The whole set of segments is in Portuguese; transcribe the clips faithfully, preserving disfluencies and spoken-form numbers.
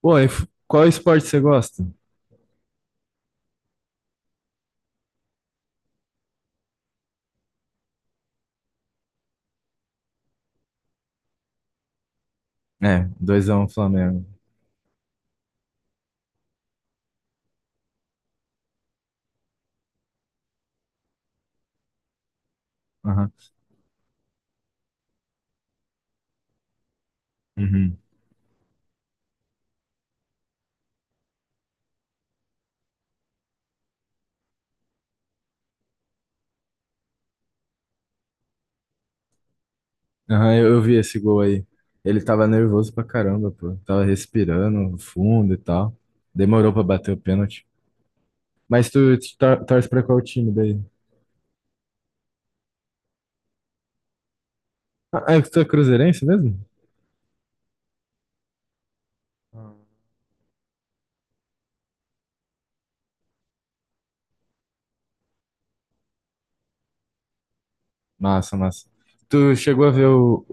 Pô, e f- qual esporte você gosta? É, dois a um Flamengo. Aham. Uhum. Aham, eu, eu vi esse gol aí. Ele tava nervoso pra caramba, pô. Tava respirando fundo e tal. Demorou pra bater o pênalti. Mas tu, tu tor- torce pra qual time daí? Ah, é que tu é cruzeirense mesmo? Massa, massa. Tu chegou a ver o.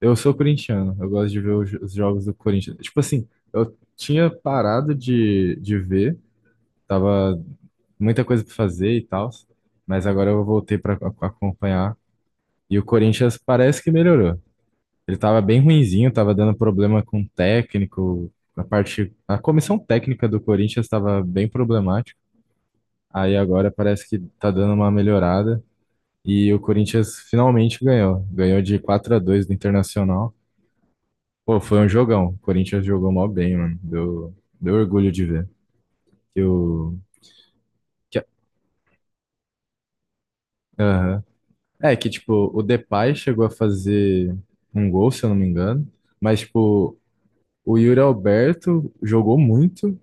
Eu sou corintiano, eu gosto de ver os jo- os jogos do Corinthians. Tipo assim, eu tinha parado de, de ver. Tava muita coisa para fazer e tal, mas agora eu voltei para acompanhar. E o Corinthians parece que melhorou. Ele tava bem ruinzinho, tava dando problema com o técnico, a parte, a comissão técnica do Corinthians estava bem problemática. Aí agora parece que tá dando uma melhorada e o Corinthians finalmente ganhou. Ganhou de quatro a dois do Internacional. Pô, foi um jogão. O Corinthians jogou mó bem, mano. Deu, deu orgulho de ver. Que o que, É que, tipo, o Depay chegou a fazer um gol, se eu não me engano. Mas, tipo, o Yuri Alberto jogou muito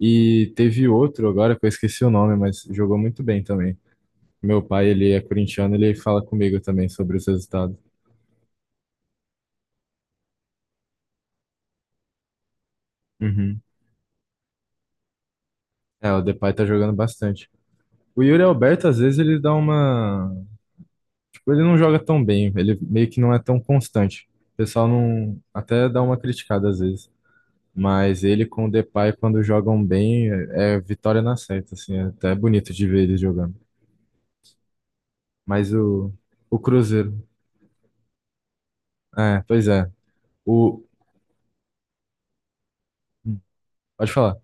e teve outro agora que eu esqueci o nome, mas jogou muito bem também. Meu pai, ele é corintiano, ele fala comigo também sobre os resultados. Uhum. É, o Depay tá jogando bastante. O Yuri Alberto, às vezes, ele dá uma. Tipo, ele não joga tão bem, ele meio que não é tão constante. O pessoal não. Até dá uma criticada às vezes. Mas ele com o Depay, quando jogam bem, é é vitória na certa, assim. É até bonito de ver eles jogando. Mas o, o Cruzeiro... É, pois é. O, pode falar.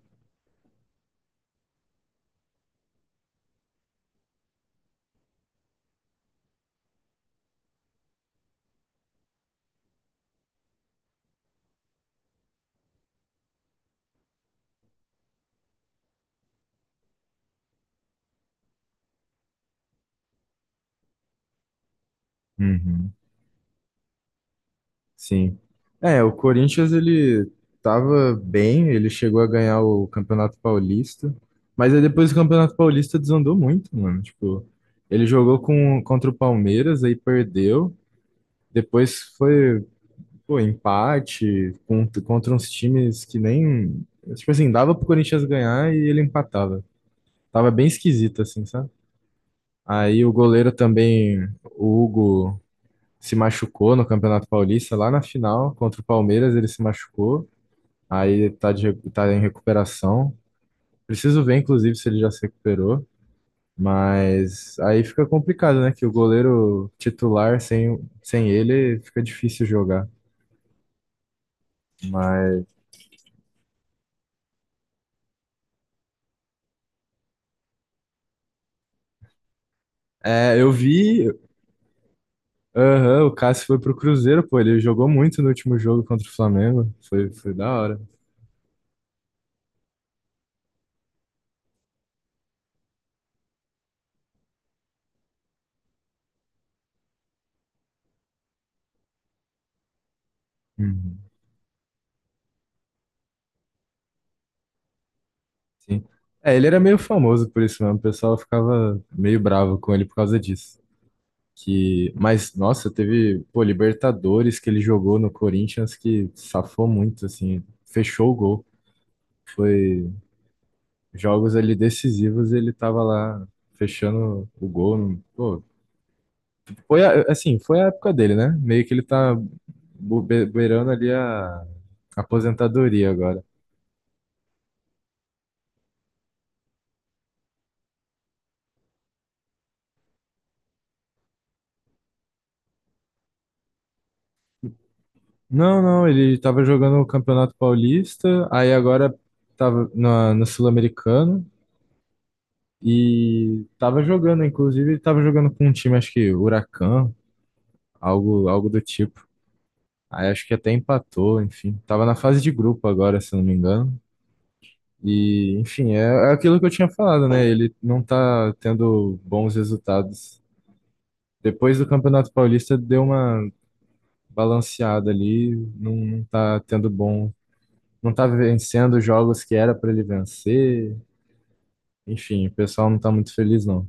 Uhum, sim. É, o Corinthians, ele tava bem, ele chegou a ganhar o Campeonato Paulista. Mas aí depois o Campeonato Paulista desandou muito, mano. Tipo, ele jogou com, contra o Palmeiras, aí perdeu. Depois foi. Pô, empate contra, contra uns times que nem. Tipo assim, dava pro Corinthians ganhar e ele empatava. Tava bem esquisito, assim, sabe? Aí o goleiro também, o Hugo, se machucou no Campeonato Paulista, lá na final, contra o Palmeiras, ele se machucou. Aí tá, de, recu- tá em recuperação. Preciso ver, inclusive, se ele já se recuperou. Mas aí fica complicado, né? Que o goleiro titular, sem, sem ele, fica difícil jogar. Mas. É, eu vi. Aham, o Cássio foi pro Cruzeiro, pô. Ele jogou muito no último jogo contra o Flamengo. Foi, foi da hora. Uhum, sim. É, ele era meio famoso por isso mesmo. O pessoal ficava meio bravo com ele por causa disso. Que... Mas, nossa, teve, pô, Libertadores que ele jogou no Corinthians que safou muito, assim. Fechou o gol. Foi jogos ali decisivos e ele tava lá fechando o gol. Pô, foi, a- assim, foi a época dele, né? Meio que ele tá Beirando beirando ali a aposentadoria agora. Não, não, ele tava jogando o Campeonato Paulista, aí agora tava na- no Sul-Americano e tava jogando, inclusive ele tava jogando com um time, acho que Huracan, algo, algo do tipo. Aí acho que até empatou, enfim. Tava na fase de grupo agora, se não me engano. E, enfim, é, é aquilo que eu tinha falado, né? Ele não tá tendo bons resultados. Depois do Campeonato Paulista deu uma balanceado ali, não, não tá tendo bom, não tá vencendo os jogos que era para ele vencer. Enfim, o pessoal não tá muito feliz não.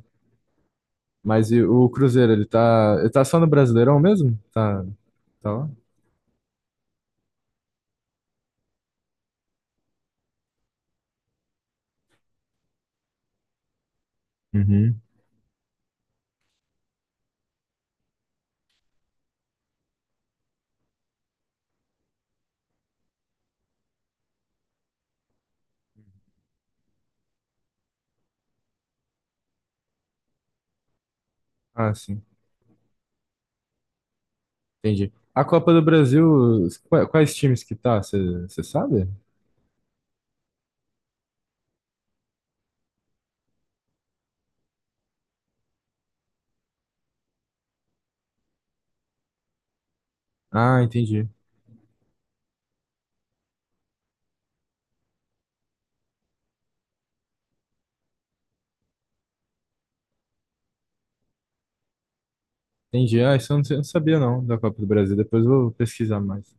Mas e o Cruzeiro, ele tá, ele tá só no Brasileirão mesmo? Tá, tá lá? Uhum. Ah, sim. Entendi. A Copa do Brasil, os- qua- quais times que tá? Você sabe? Ah, entendi. Entendi. Ah, isso eu não, sei- eu não sabia não da Copa do Brasil. Depois eu vou pesquisar mais.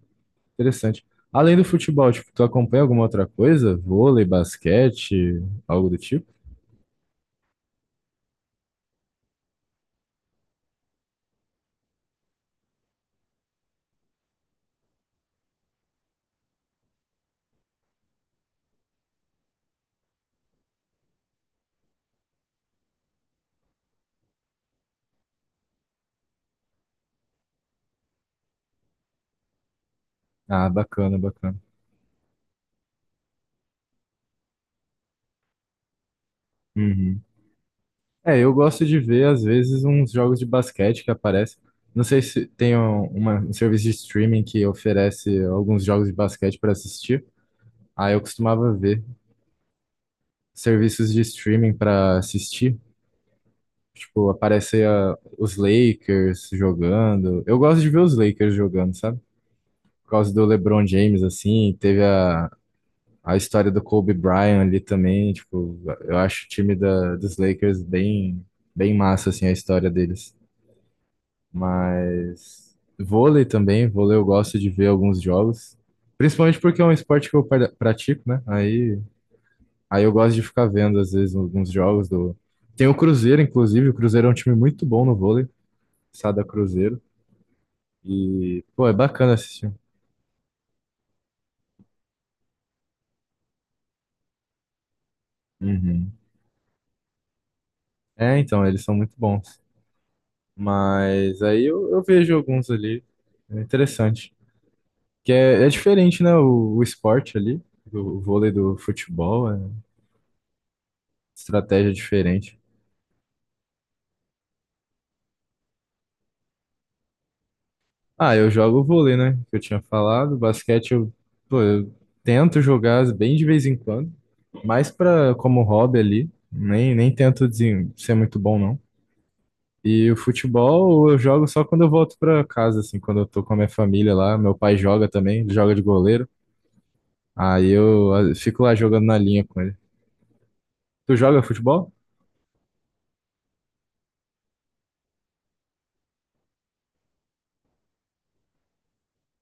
Interessante. Além do futebol, tipo, tu acompanha alguma outra coisa? Vôlei, basquete, algo do tipo? Ah, bacana, bacana. Uhum. É, eu gosto de ver, às vezes, uns jogos de basquete que aparecem. Não sei se tem um, uma- um serviço de streaming que oferece alguns jogos de basquete para assistir. Aí eu costumava ver serviços de streaming para assistir. Tipo, aparecia os Lakers jogando. Eu gosto de ver os Lakers jogando, sabe? Por causa do LeBron James, assim, teve a. A história do Kobe Bryant ali também, tipo, eu acho o time da, dos Lakers bem, bem massa, assim, a história deles. Mas vôlei também, vôlei eu gosto de ver alguns jogos, principalmente porque é um esporte que eu pra- pratico, né? Aí, aí eu gosto de ficar vendo, às vezes, alguns jogos do... Tem o Cruzeiro, inclusive, o Cruzeiro é um time muito bom no vôlei, Sada Cruzeiro, e, pô, é bacana assistir. Uhum. É, então, eles são muito bons. Mas aí eu, eu vejo alguns ali. É interessante. Que é, é diferente, né? O, o esporte ali, do vôlei do futebol, é estratégia diferente. Ah, eu jogo vôlei, né? Que eu tinha falado. Basquete eu, pô, eu tento jogar bem de vez em quando, mais pra, como hobby ali. Nem, nem tento desen- ser muito bom, não. E o futebol eu jogo só quando eu volto pra casa, assim, quando eu tô com a minha família lá. Meu pai joga também, ele joga de goleiro. Aí eu ah, fico lá jogando na linha com ele. Tu joga futebol?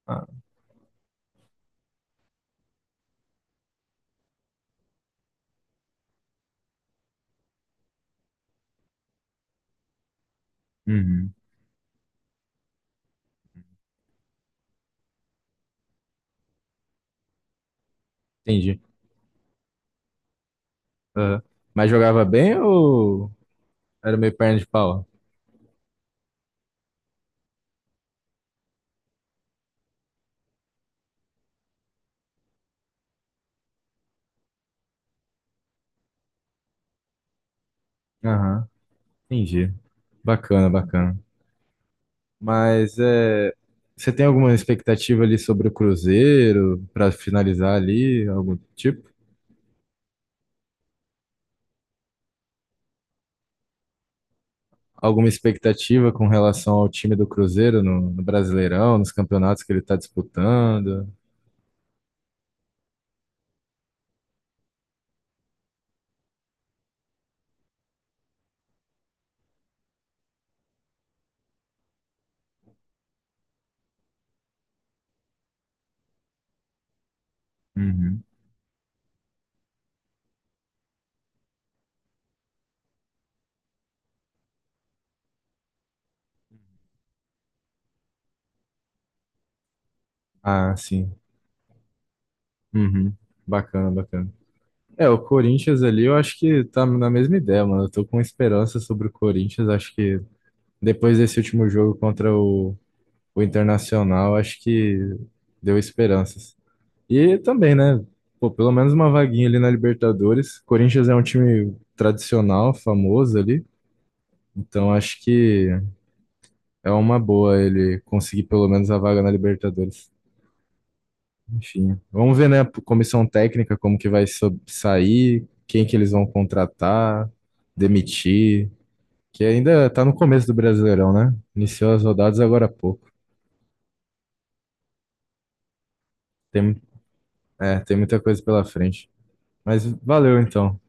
Ah, uhum, entendi. Aham. Mas jogava bem ou era meio perna de pau? Aham, entendi. Bacana, bacana. Mas é, você tem alguma expectativa ali sobre o Cruzeiro para finalizar ali, algum tipo? Alguma expectativa com relação ao time do Cruzeiro no, no Brasileirão, nos campeonatos que ele está disputando? Uhum. Ah, sim. Uhum. Bacana, bacana. É, o Corinthians ali, eu acho que tá na mesma ideia, mano. Eu tô com esperança sobre o Corinthians. Acho que depois desse último jogo contra o, o Internacional, acho que deu esperanças. E também, né? Pô, pelo menos uma vaguinha ali na Libertadores. Corinthians é um time tradicional, famoso ali. Então acho que é uma boa ele conseguir pelo menos a vaga na Libertadores. Enfim, vamos ver, né, a comissão técnica, como que vai so- sair, quem que eles vão contratar, demitir, que ainda tá no começo do Brasileirão, né? Iniciou as rodadas agora há pouco. Tem, é, tem muita coisa pela frente. Mas valeu então.